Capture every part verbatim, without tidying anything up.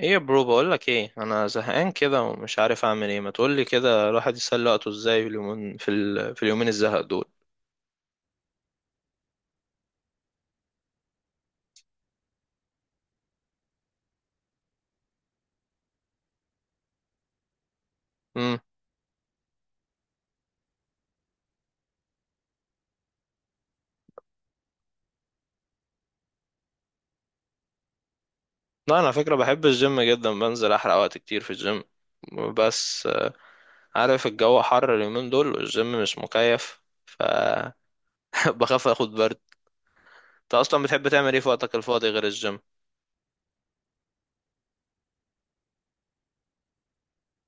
ايه يا برو، بقول لك ايه، انا زهقان كده ومش عارف اعمل ايه. ما تقول لي كده الواحد يسلي وقته ازاي في اليومين في, ال... في اليومين الزهق دول. امم لا انا على فكره بحب الجيم جدا، بنزل احرق وقت كتير في الجيم. بس آه، عارف الجو حر اليومين دول والجيم مش مكيف فبخاف اخد برد. انت اصلا بتحب تعمل ايه في وقتك الفاضي غير الجيم؟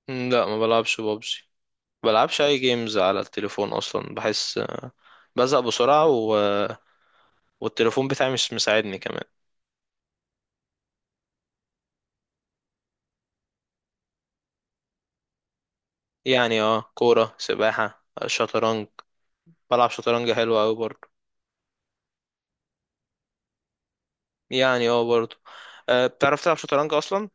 مم، لا ما بلعبش ببجي، بلعبش اي جيمز على التليفون. اصلا بحس آه، بزهق بسرعه و... والتليفون بتاعي مش مساعدني كمان. يعني اه، كورة سباحة شطرنج. بلعب شطرنج حلو أوي برضه. يعني اه برضه. أه، بتعرف تلعب شطرنج أصلا؟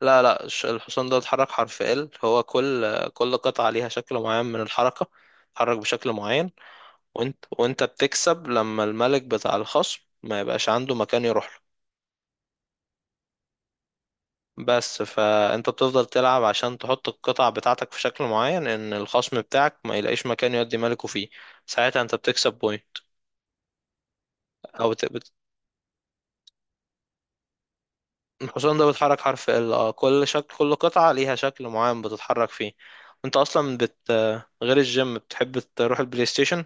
لا لا الش- الحصان ده اتحرك حرف ال، هو كل كل قطعة ليها شكل معين من الحركة، اتحرك بشكل معين. وانت وانت بتكسب لما الملك بتاع الخصم ما يبقاش عنده مكان يروح له. بس فانت بتفضل تلعب عشان تحط القطع بتاعتك في شكل معين، ان الخصم بتاعك ما يلاقيش مكان يودي ملكه فيه. ساعتها انت بتكسب بوينت. او الحصان ده بيتحرك حرف ال، اه كل شكل، كل قطعة ليها شكل معين بتتحرك فيه. انت اصلا بت غير الجيم بتحب تروح البلاي ستيشن.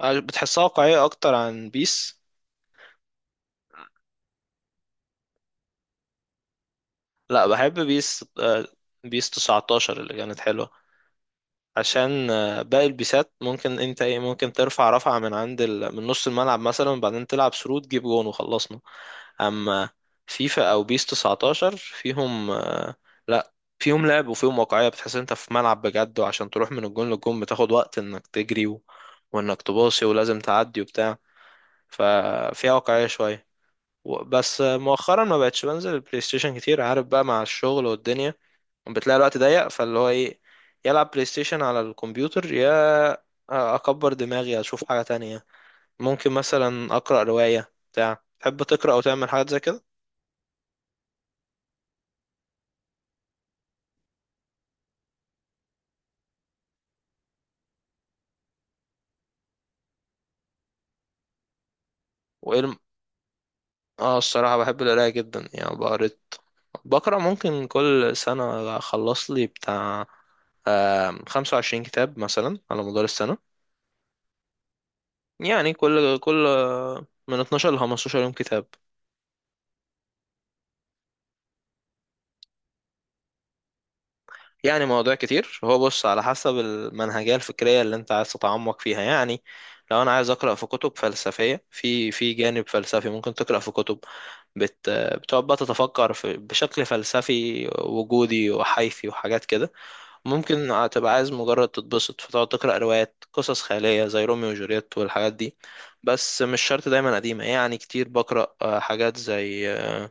آه، بتحسها واقعية اكتر عن بيس. لا بحب بيس، آه، بيس تسعة عشر اللي كانت حلوة. عشان آه، باقي البيسات ممكن انت ايه، ممكن ترفع رفعة من عند ال... من نص الملعب مثلا، وبعدين تلعب ثرو تجيب جون وخلصنا. اما فيفا او بيس تسعة عشر فيهم آه، لا فيهم لعب وفيهم واقعية، بتحس إن انت في ملعب بجد، وعشان تروح من الجون للجون بتاخد وقت انك تجري و... وانك تباصي ولازم تعدي وبتاع. ففيها واقعية شوية. و- بس آه، مؤخرا ما بقتش بنزل البلاي ستيشن كتير، عارف بقى مع الشغل والدنيا، بتلاقي الوقت ضيق، فاللي هو ايه يلعب بلاي ستيشن على الكمبيوتر، يا اكبر دماغي اشوف حاجة تانية. ممكن مثلا اقرأ رواية بتاع، تحب تقرأ او تعمل حاجات زي كده؟ وايه؟ اه الصراحة بحب القراية جدا، يعني بقريت، بقرا ممكن كل سنة أخلص لي بتاع خمسة وعشرين كتاب مثلا على مدار السنة. يعني كل كل من اتناشر ل خمستاشر يوم كتاب. يعني مواضيع كتير، هو بص على حسب المنهجية الفكرية اللي أنت عايز تتعمق فيها. يعني لو أنا عايز أقرأ في كتب فلسفية، في في جانب فلسفي ممكن تقرأ في كتب بت بتقعد بقى تتفكر في بشكل فلسفي وجودي وحيثي وحاجات كده. ممكن تبقى عايز مجرد تتبسط فتقعد تقرأ روايات، قصص خيالية زي روميو وجولييت والحاجات دي. بس مش شرط دايما قديمة، يعني كتير بقرأ آه، حاجات زي آه،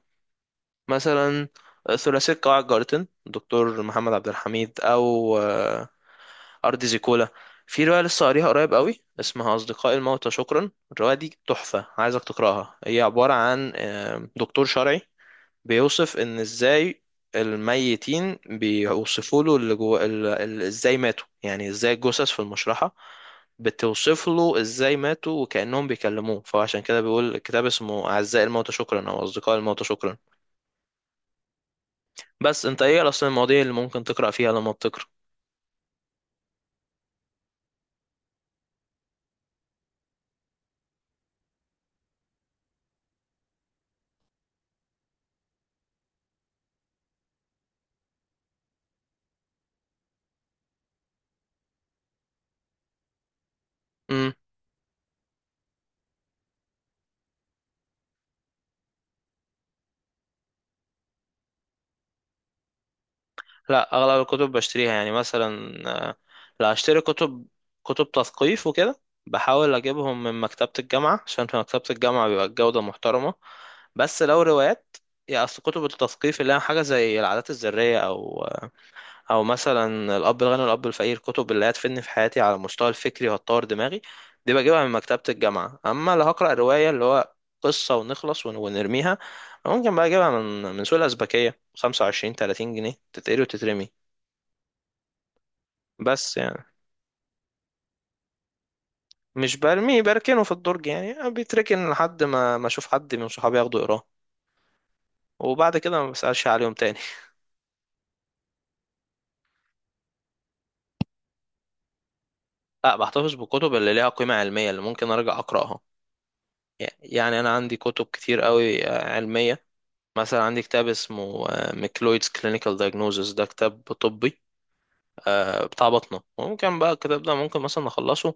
مثلا آه، ثلاثية قواعد جارتن دكتور محمد عبد الحميد، أو آه، أرض زيكولا. في رواية لسه قاريها قريب قوي اسمها أصدقاء الموتى شكرا، الرواية دي تحفة، عايزك تقرأها. هي عبارة عن آه، دكتور شرعي بيوصف ان ازاي الميتين بيوصفوا له اللي جوه ال- ال- ازاي ماتوا، يعني ازاي الجثث في المشرحة بتوصف له ازاي ماتوا، وكأنهم بيكلموه. فعشان كده بيقول الكتاب اسمه أعزائي الموتى شكرا او أصدقاء الموتى شكرا. بس انت ايه اصلا المواضيع اللي ممكن تقرأ فيها لما بتقرأ؟ امم لا اغلب الكتب بشتريها، يعني مثلا آه، لا اشتري كتب، كتب تثقيف وكده بحاول اجيبهم من مكتبة الجامعة، عشان في مكتبة الجامعة بيبقى الجودة محترمة. بس لو روايات، يا اصل كتب التثقيف اللي هي حاجه زي العادات الذريه، او او مثلا الاب الغني والاب الفقير، كتب اللي هتفيدني في حياتي على المستوى الفكري وهتطور دماغي، دي بجيبها من مكتبه الجامعه. اما لو هقرا روايه اللي هو قصه ونخلص ون- ونرميها، ممكن بقى اجيبها من من سوق الازبكيه خمسة وعشرين تلاتين جنيه، تتقري وتترمي. بس يعني مش برميه، بركنه في الدرج، يعني بيتركن لحد ما ما اشوف حد من صحابي ياخده يقراه، وبعد كده ما بسالش عليهم تاني. لا بحتفظ بالكتب اللي ليها قيمة علمية، اللي ممكن أرجع أقرأها. يعني أنا عندي كتب كتير قوي آه، علمية. مثلا عندي كتاب اسمه آه، ميكلويدز كلينيكال دايجنوزيس، ده كتاب طبي، آه، بتاع بطنة. وممكن بقى الكتاب ده ممكن مثلا أخلصه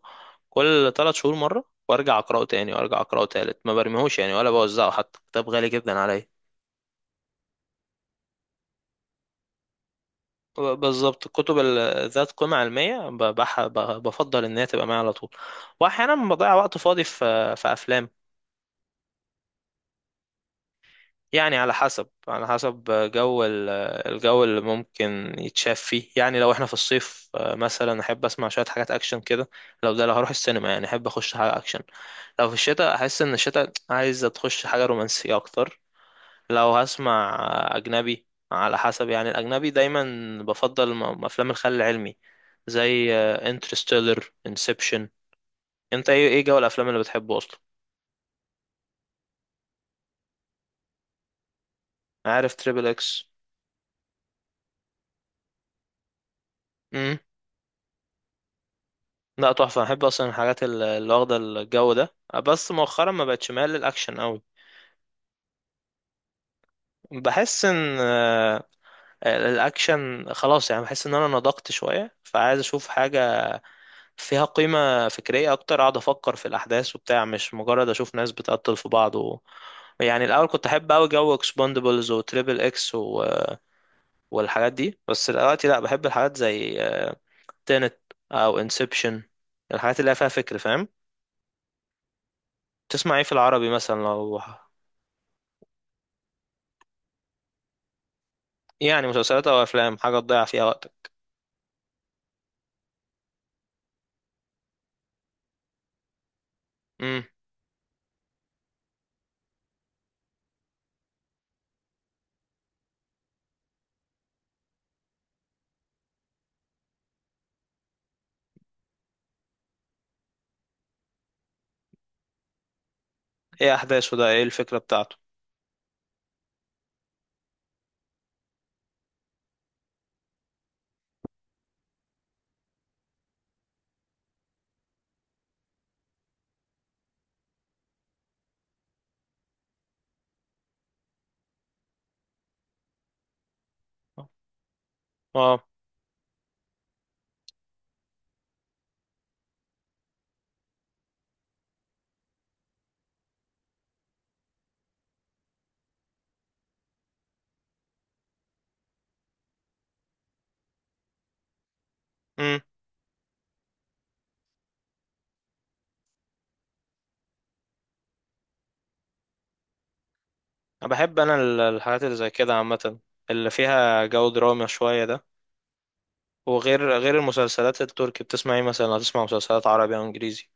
كل ثلاث شهور مرة، وأرجع أقرأه تاني وأرجع أقرأه تالت. ما برميهوش يعني ولا بوزعه، حتى كتاب غالي جدا عليا. ب- بالظبط الكتب ال- ذات قيمة علمية ب- بح- ب- بفضل إن هي تبقى معايا على طول. وأحيانا بضيع وقت فاضي في آه، في أفلام. يعني على حسب، على حسب جو ال- الجو اللي ممكن يتشاف فيه. يعني لو احنا في الصيف آه، مثلا احب اسمع شويه حاجات اكشن كده. لو ده لو هروح السينما يعني احب اخش حاجه اكشن. لو في الشتاء احس ان الشتاء عايز تخش حاجه رومانسيه اكتر. لو هسمع آه، اجنبي، على حسب يعني. الاجنبي دايما بفضل م- افلام الخيال العلمي زي انترستيلر انسبشن. انت ايه، ايه جو الافلام اللي بتحبه اصلا؟ عارف تريبل اكس؟ لا تحفة، أنا بحب أصلا الحاجات ال- اللي واخدة الجو ده. بس مؤخرا ما بقتش مايل للأكشن أوي. بحس إن آه، الأكشن خلاص يعني، بحس إن أنا نضجت شوية، فعايز أشوف حاجة فيها قيمة فكرية أكتر، أقعد أفكر في الأحداث وبتاع، مش مجرد أشوف ناس بتقتل في بعض و... يعني الأول كنت أحب أوي جو إكسباندبلز وتريبل إكس و... والحاجات دي، بس دلوقتي لأ بحب الحاجات زي تينت أو انسبشن، الحاجات اللي هي فيها فكر، فاهم؟ تسمع ايه في العربي مثلا، لو يعني مسلسلات او افلام حاجه تضيع فيها وقتك؟ امم ايه احداثه ده، ايه الفكره بتاعته؟ اه. امم انا بحب انا ال- الحاجات اللي زي كده عامه، اللي فيها جو دراما شويه ده. وغير غير المسلسلات التركي بتسمع ايه مثلا، هتسمع مسلسلات عربي او انجليزي؟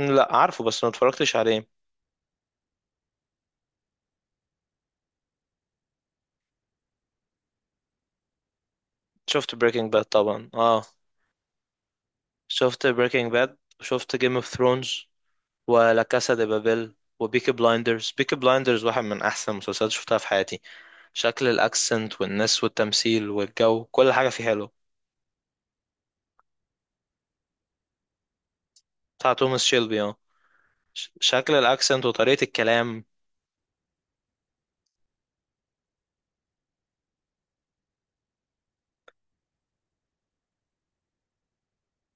مم، لا عارفه بس ما اتفرجتش عليه. شفت بريكنج باد طبعا اه. شفت بريكنج باد وشفت جيم اوف ثرونز ولا كاسا دي بابيل وبيكي بلايندرز. بيكي بلايندرز واحد من احسن المسلسلات شفتها في حياتي. شكل الاكسنت والناس والتمثيل والجو، كل حاجه فيه حلو. بتاع توماس شيلبي اه. ش- شكل الاكسنت وطريقه الكلام.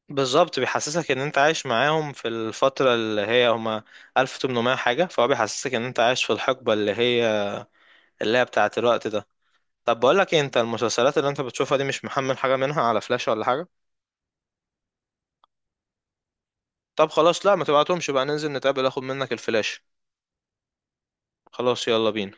بالظبط بيحسسك ان انت عايش معاهم في الفتره اللي هي هما ألف وثمانمائة حاجه، فهو بيحسسك ان انت عايش في الحقبه اللي هي، اللي هي بتاعه الوقت ده. طب بقول لك إيه، انت المسلسلات اللي انت بتشوفها دي مش محمل حاجه منها على فلاش ولا حاجه؟ طب خلاص، لا ما تبعتهمش بقى، ننزل نتقابل اخد منك الفلاش. خلاص يلا بينا.